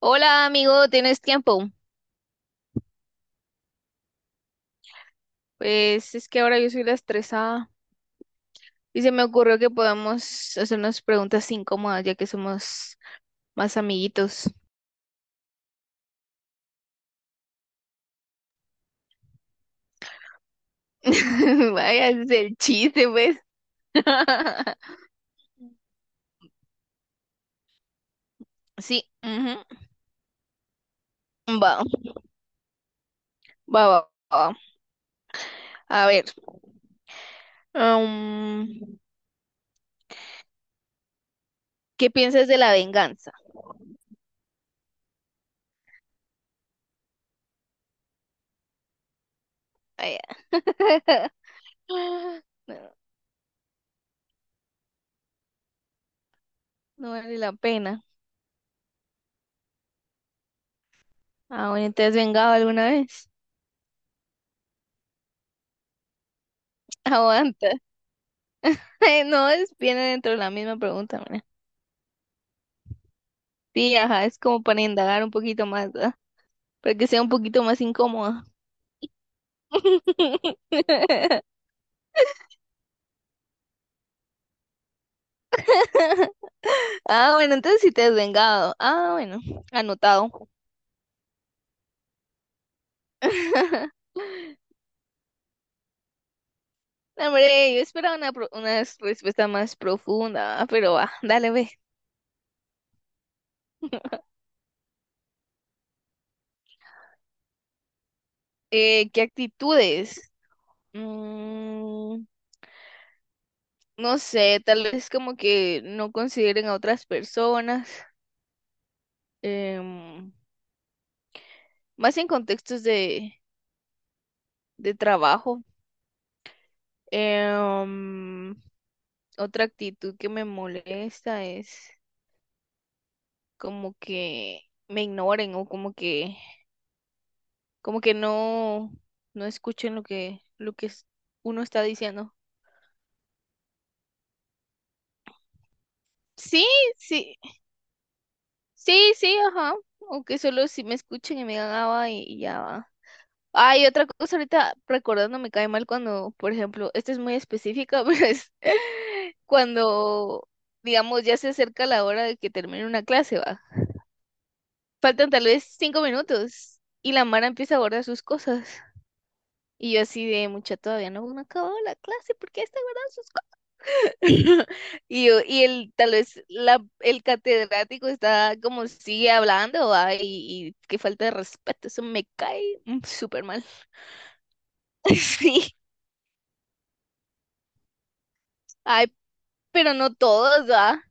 Hola amigo, ¿tienes tiempo? Pues es que ahora yo soy la estresada y se me ocurrió que podamos hacer unas preguntas incómodas ya que somos más amiguitos. Vaya, ese es el chiste, pues. Sí, ujú. Va, va, va, va. A ver, mm, ¿qué piensas de la venganza? Ay, ah, no, no vale la pena. Ah, bueno, ¿te has vengado alguna vez? Aguanta. No, es viene dentro de la misma pregunta, mira. Sí, ajá, es como para indagar un poquito más, ¿no?, para que sea un poquito más incómoda. Ah, bueno, entonces sí te has vengado. Ah, bueno, anotado. No, hombre, yo esperaba una, una respuesta más profunda, ah, pero va, dale, ve. ¿Qué actitudes? Mm, no sé, tal vez como que no consideren a otras personas, em, más en contextos de trabajo. Em, otra actitud que me molesta es como que me ignoren o como que no escuchen lo que uno está diciendo. Sí, sí, sí, sí, ajá. O que solo si me escuchen y me digan, ah, va, y ya va. Ay, otra cosa ahorita recordando me cae mal cuando, por ejemplo, esta es muy específica, pero es cuando, digamos, ya se acerca la hora de que termine una clase, va. Faltan tal vez 5 minutos y la Mara empieza a guardar sus cosas. Y yo así de mucha todavía no me acabó la clase, ¿por qué está guardando sus cosas? Y yo, y el, tal vez la, el catedrático está como sigue hablando, ¿va? Y qué falta de respeto, eso me cae súper mal. Sí, ay, pero no todos, ¿va?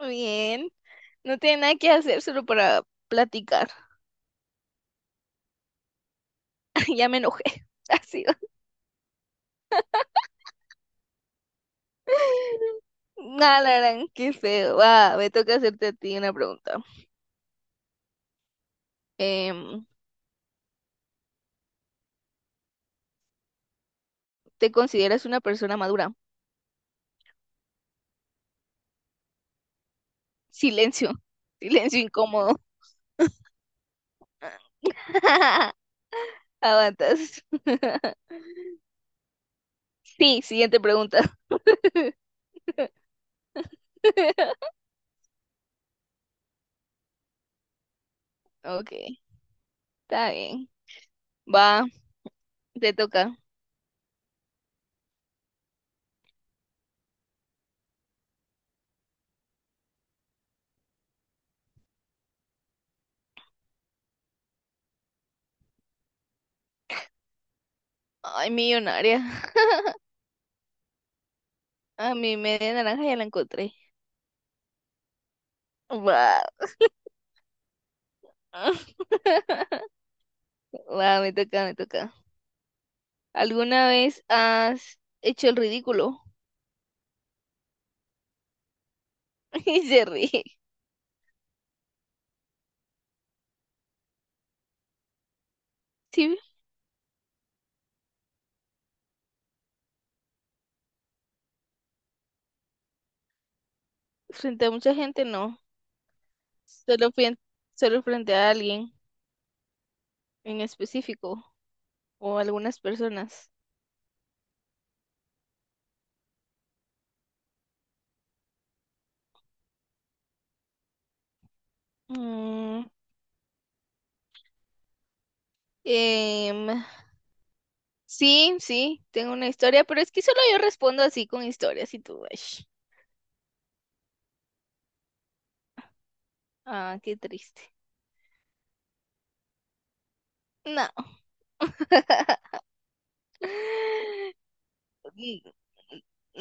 Bien, no tiene nada que hacer solo para platicar. Ya me enojé, así va. Nah, la gran, qué feo. Va, me toca hacerte a ti una pregunta. Em, ¿Te consideras una persona madura? Silencio, silencio incómodo. Aguantas. Sí, siguiente pregunta. Ok, está bien. Va, te toca. Ay, millonaria. A mi media naranja ya la encontré. Va. Va, me toca, me toca. ¿Alguna vez has hecho el ridículo? Y se ríe. Sí, frente a mucha gente no. Solo, solo frente a alguien en específico o algunas personas. Mm, em, sí, sí, tengo una historia, pero es que solo yo respondo así con historias y tú, ay, ah, qué triste. No. Mm,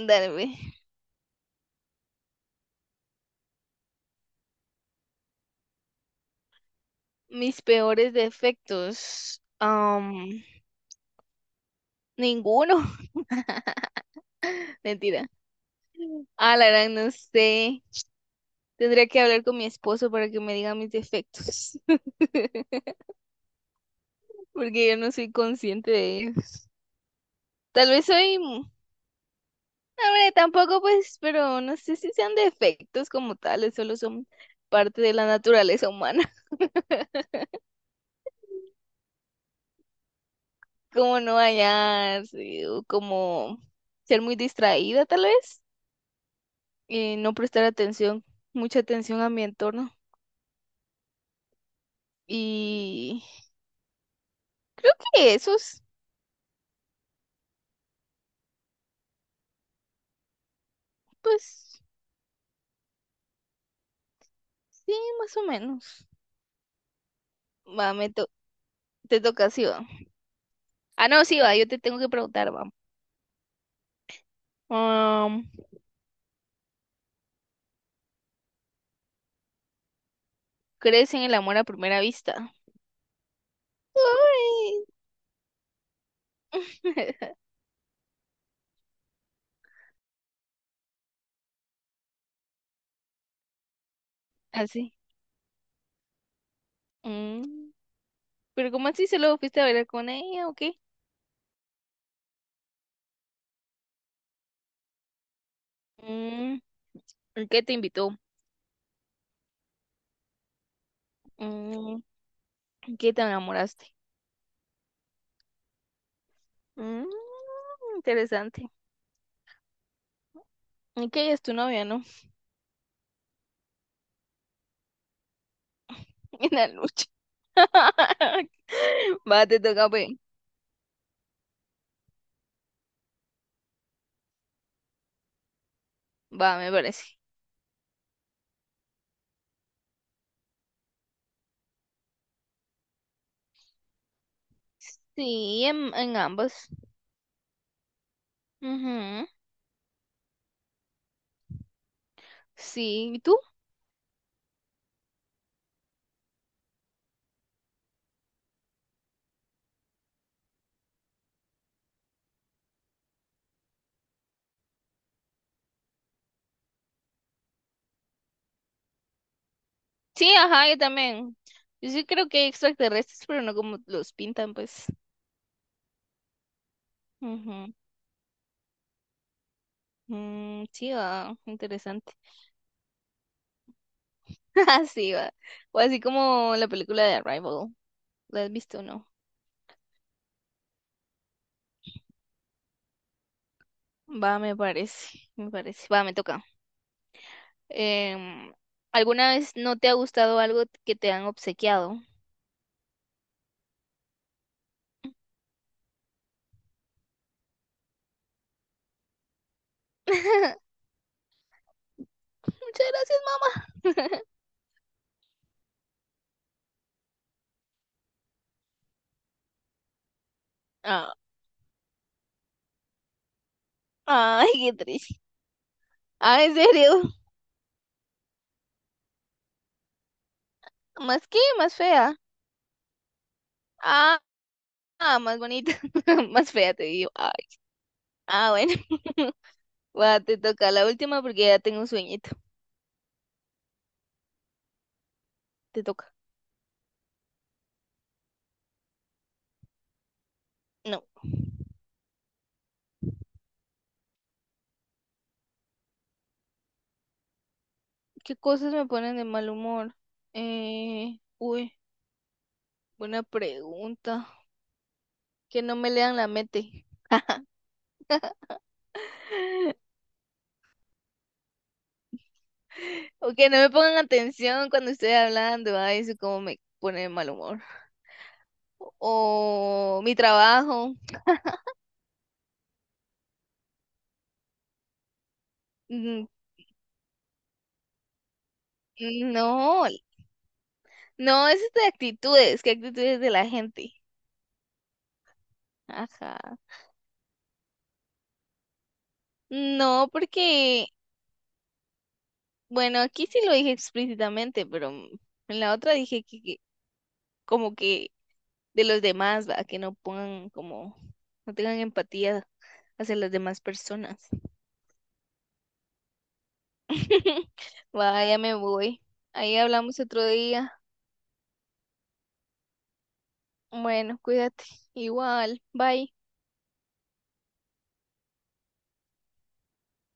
dale, ve. Mis peores defectos. Ninguno. Mentira. Ah, la verdad, no sé. Tendría que hablar con mi esposo para que me diga mis defectos. Porque yo no soy consciente de ellos. Tal vez soy No, hombre, tampoco pues, pero no sé si sean defectos como tales, solo son parte de la naturaleza humana, como no hallarse o como ser muy distraída tal vez, no prestar atención, mucha atención a mi entorno. Y creo que esos, pues sí, más o menos. Va, te toca, sí, va. Ah, no, sí, va, yo te tengo que preguntar, va. Am, ¿Crees en el amor a primera vista? Ay. Así. Mm. Pero ¿cómo así solo fuiste a bailar con ella o qué? Mm, ¿Y qué te invitó? Mm, ¿Y qué te enamoraste? Mm, interesante. ¿Y qué es tu novia, no? En la lucha. Va, te toca, pues. Va, me parece. Sí, en ambos. Ujú. Sí, ¿y tú? Sí, ajá, yo también. Yo sí creo que hay extraterrestres, pero no como los pintan, pues. Ujú. Mm, sí, va, interesante. Así va. O así como la película de Arrival. ¿La has visto o no? Va, me parece, me parece. Va, me toca. Em, ¿Alguna vez no te ha gustado algo que te han obsequiado? Muchas gracias, mamá. Ah, ay, qué triste. Ah, ¿en serio? ¿Más qué? ¿Más fea? Ah, ah, más bonita. Más fea, te digo. Ay. Ah, bueno. Va, te toca la última porque ya tengo un sueñito. Te toca. No. ¿Qué cosas me ponen de mal humor? Uy, buena pregunta. Que no me lean la mente. O que no me pongan atención cuando estoy hablando. Ay, eso como me pone de mal humor. O mi trabajo. Mm, No, no, eso es de actitudes. ¿Qué actitudes de la gente? Ajá. No, porque, bueno, aquí sí lo dije explícitamente, pero en la otra dije que como que de los demás, ¿va? Que no pongan como, no tengan empatía hacia las demás personas. Vaya, me voy. Ahí hablamos otro día. Bueno, cuídate. Igual, bye.